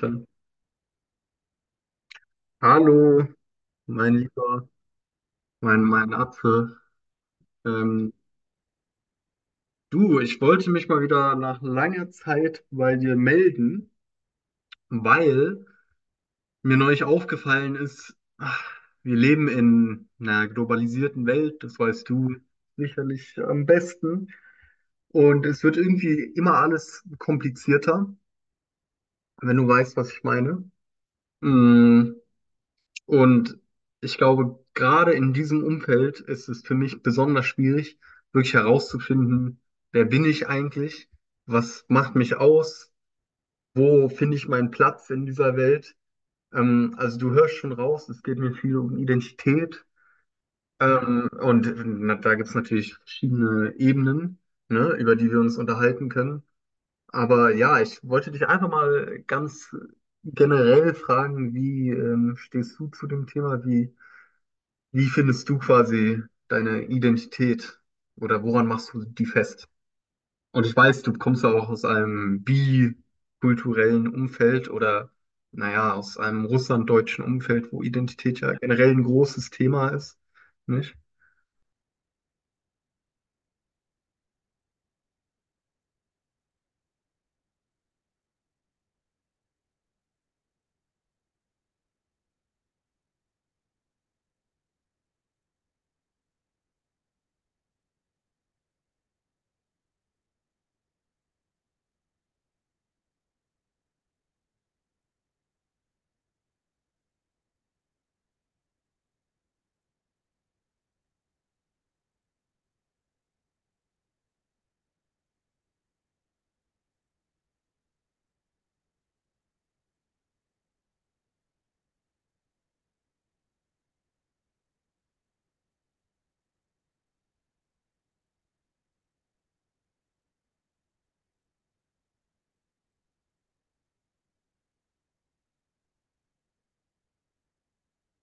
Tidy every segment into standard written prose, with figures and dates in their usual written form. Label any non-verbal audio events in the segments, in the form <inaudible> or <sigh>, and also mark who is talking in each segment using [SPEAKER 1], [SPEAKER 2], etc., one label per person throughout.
[SPEAKER 1] Dann. Hallo, mein Lieber, mein Apfel. Ähm, Du, ich wollte mich mal wieder nach langer Zeit bei dir melden, weil mir neulich aufgefallen ist, ach, wir leben in einer globalisierten Welt, das weißt du sicherlich am besten. Und es wird irgendwie immer alles komplizierter, wenn du weißt, was ich meine. Mm, Und ich glaube, gerade in diesem Umfeld ist es für mich besonders schwierig, wirklich herauszufinden, wer bin ich eigentlich, was macht mich aus, wo finde ich meinen Platz in dieser Welt. Also du hörst schon raus, es geht mir viel um Identität. Und na, da gibt es natürlich verschiedene Ebenen, ne, über die wir uns unterhalten können. Aber ja, ich wollte dich einfach mal ganz generell fragen, wie stehst du zu dem Thema? Wie findest du quasi deine Identität oder woran machst du die fest? Und ich weiß, du kommst ja auch aus einem bikulturellen Umfeld oder naja, aus einem russlanddeutschen Umfeld, wo Identität ja generell ein großes Thema ist, nicht?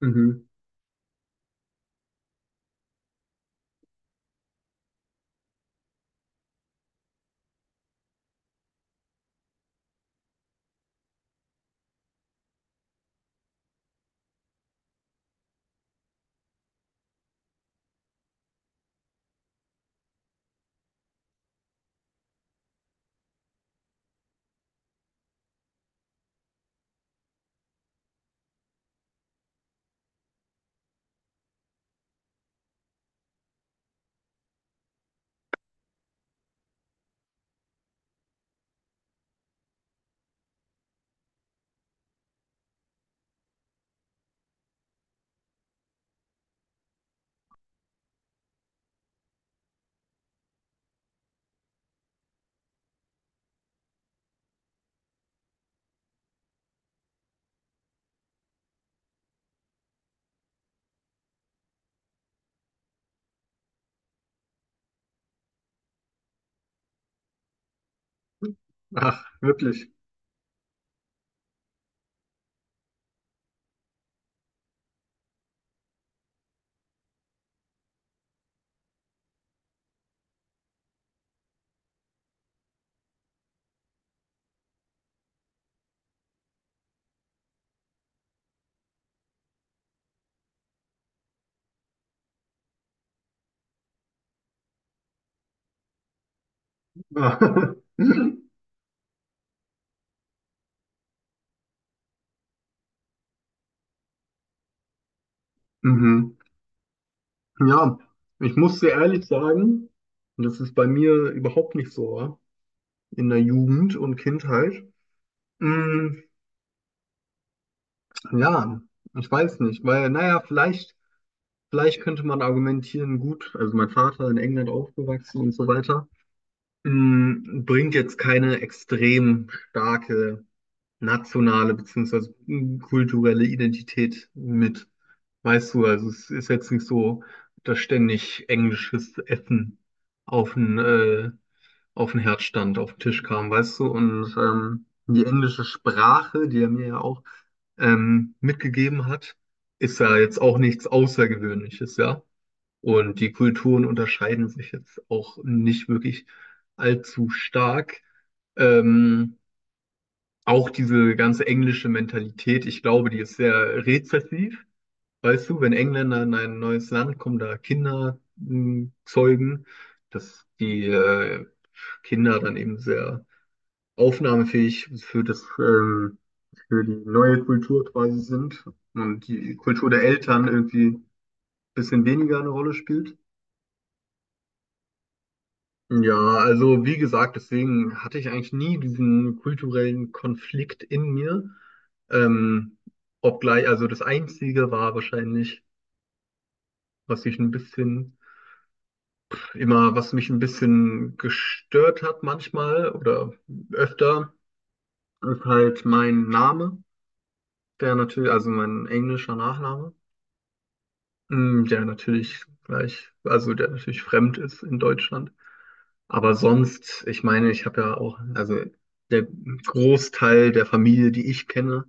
[SPEAKER 1] Mhm. Ach, wirklich. <laughs> Mhm. Ja, ich muss dir ehrlich sagen, das ist bei mir überhaupt nicht so, ja, in der Jugend und Kindheit. Mm, Ja, ich weiß nicht, weil, naja, vielleicht könnte man argumentieren, gut, also mein Vater in England aufgewachsen und so weiter, bringt jetzt keine extrem starke nationale beziehungsweise kulturelle Identität mit. Weißt du, also es ist jetzt nicht so, dass ständig englisches Essen auf den, äh, auf den Herd stand, auf den Tisch kam, weißt du? Und die englische Sprache, die er mir ja auch mitgegeben hat, ist ja jetzt auch nichts Außergewöhnliches, ja? Und die Kulturen unterscheiden sich jetzt auch nicht wirklich allzu stark. Ähm, Auch diese ganze englische Mentalität, ich glaube, die ist sehr rezessiv. Weißt du, wenn Engländer in ein neues Land kommen, da Kinder zeugen, dass die Kinder dann eben sehr aufnahmefähig für das, für die neue Kultur quasi sind und die Kultur der Eltern irgendwie ein bisschen weniger eine Rolle spielt. Ja, also wie gesagt, deswegen hatte ich eigentlich nie diesen kulturellen Konflikt in mir. Ähm, Obgleich, also das Einzige war wahrscheinlich, was ich ein bisschen, immer, was mich ein bisschen gestört hat manchmal oder öfter, ist halt mein Name, der natürlich, also mein englischer Nachname, der natürlich gleich, also der natürlich fremd ist in Deutschland. Aber sonst, ich meine, ich habe ja auch, also der Großteil der Familie, die ich kenne,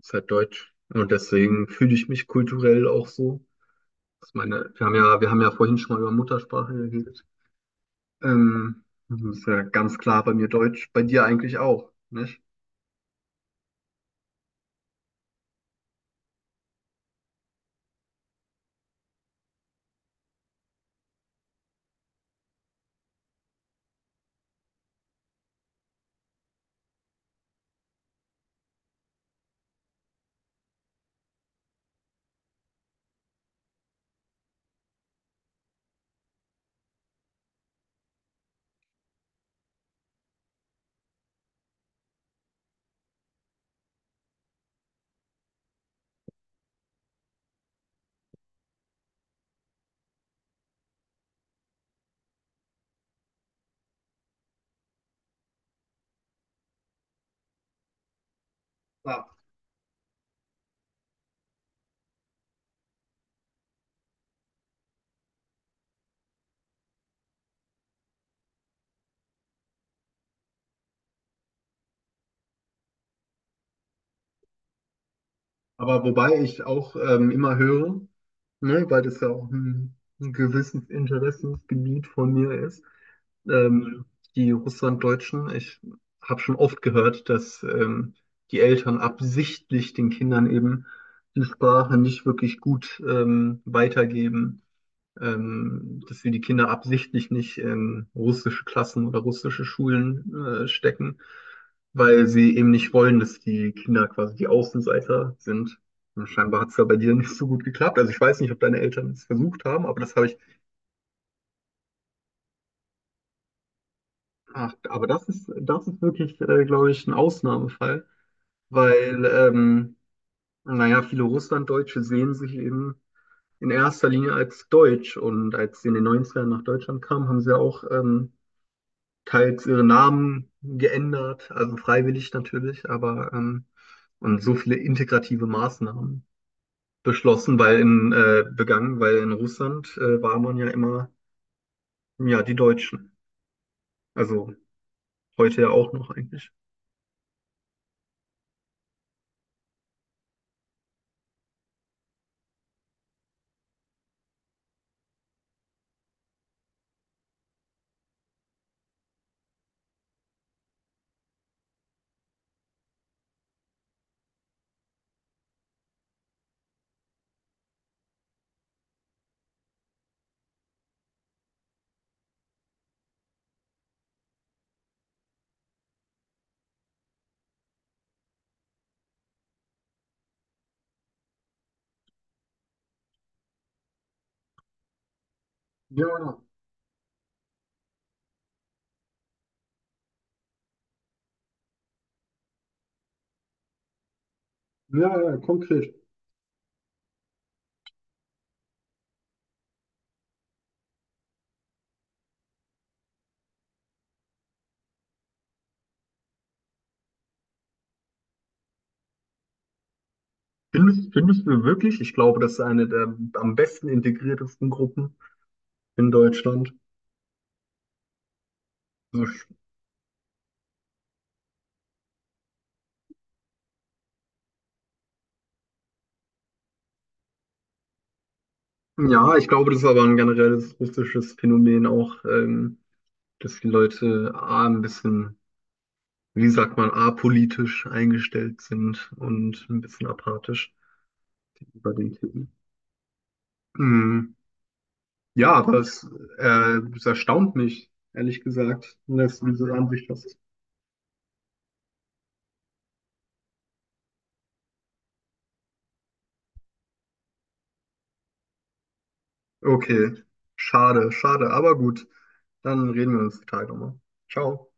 [SPEAKER 1] ist halt deutsch. Und deswegen fühle ich mich kulturell auch so. Ich meine, wir haben ja vorhin schon mal über Muttersprache geredet. Ähm, Das ist ja ganz klar bei mir Deutsch, bei dir eigentlich auch, nicht? Ja. Aber wobei ich auch immer höre, ne, weil das ja auch ein gewisses Interessensgebiet von mir ist, ähm, die Russlanddeutschen. Ich habe schon oft gehört, dass die Eltern absichtlich den Kindern eben die Sprache nicht wirklich gut weitergeben, dass wir die Kinder absichtlich nicht in russische Klassen oder russische Schulen stecken, weil sie eben nicht wollen, dass die Kinder quasi die Außenseiter sind. Und scheinbar hat es ja bei dir nicht so gut geklappt. Also ich weiß nicht, ob deine Eltern es versucht haben, aber das habe ich. Ach, aber das ist wirklich, glaube ich, ein Ausnahmefall, weil, naja, viele Russlanddeutsche sehen sich eben in erster Linie als Deutsch. Und als sie in den 90ern nach Deutschland kamen, haben sie ja auch teils ihre Namen geändert, also freiwillig natürlich, aber und so viele integrative Maßnahmen beschlossen, weil begangen, weil in Russland war man ja immer, ja, die Deutschen. Also heute ja auch noch eigentlich. Ja, ja, ja, konkret. Findest du wirklich? Ich glaube, das ist eine der am besten integriertesten Gruppen in Deutschland. Also, ich- ja, ich glaube, das ist aber ein generelles russisches Phänomen auch, dass die Leute A, ein bisschen, wie sagt man, apolitisch eingestellt sind und ein bisschen apathisch bei den Themen. Mm, Ja, aber es, es erstaunt mich, ehrlich gesagt, dass du diese Ansicht hast. Okay, schade, schade, aber gut. Dann reden wir uns die Tage nochmal. Ciao.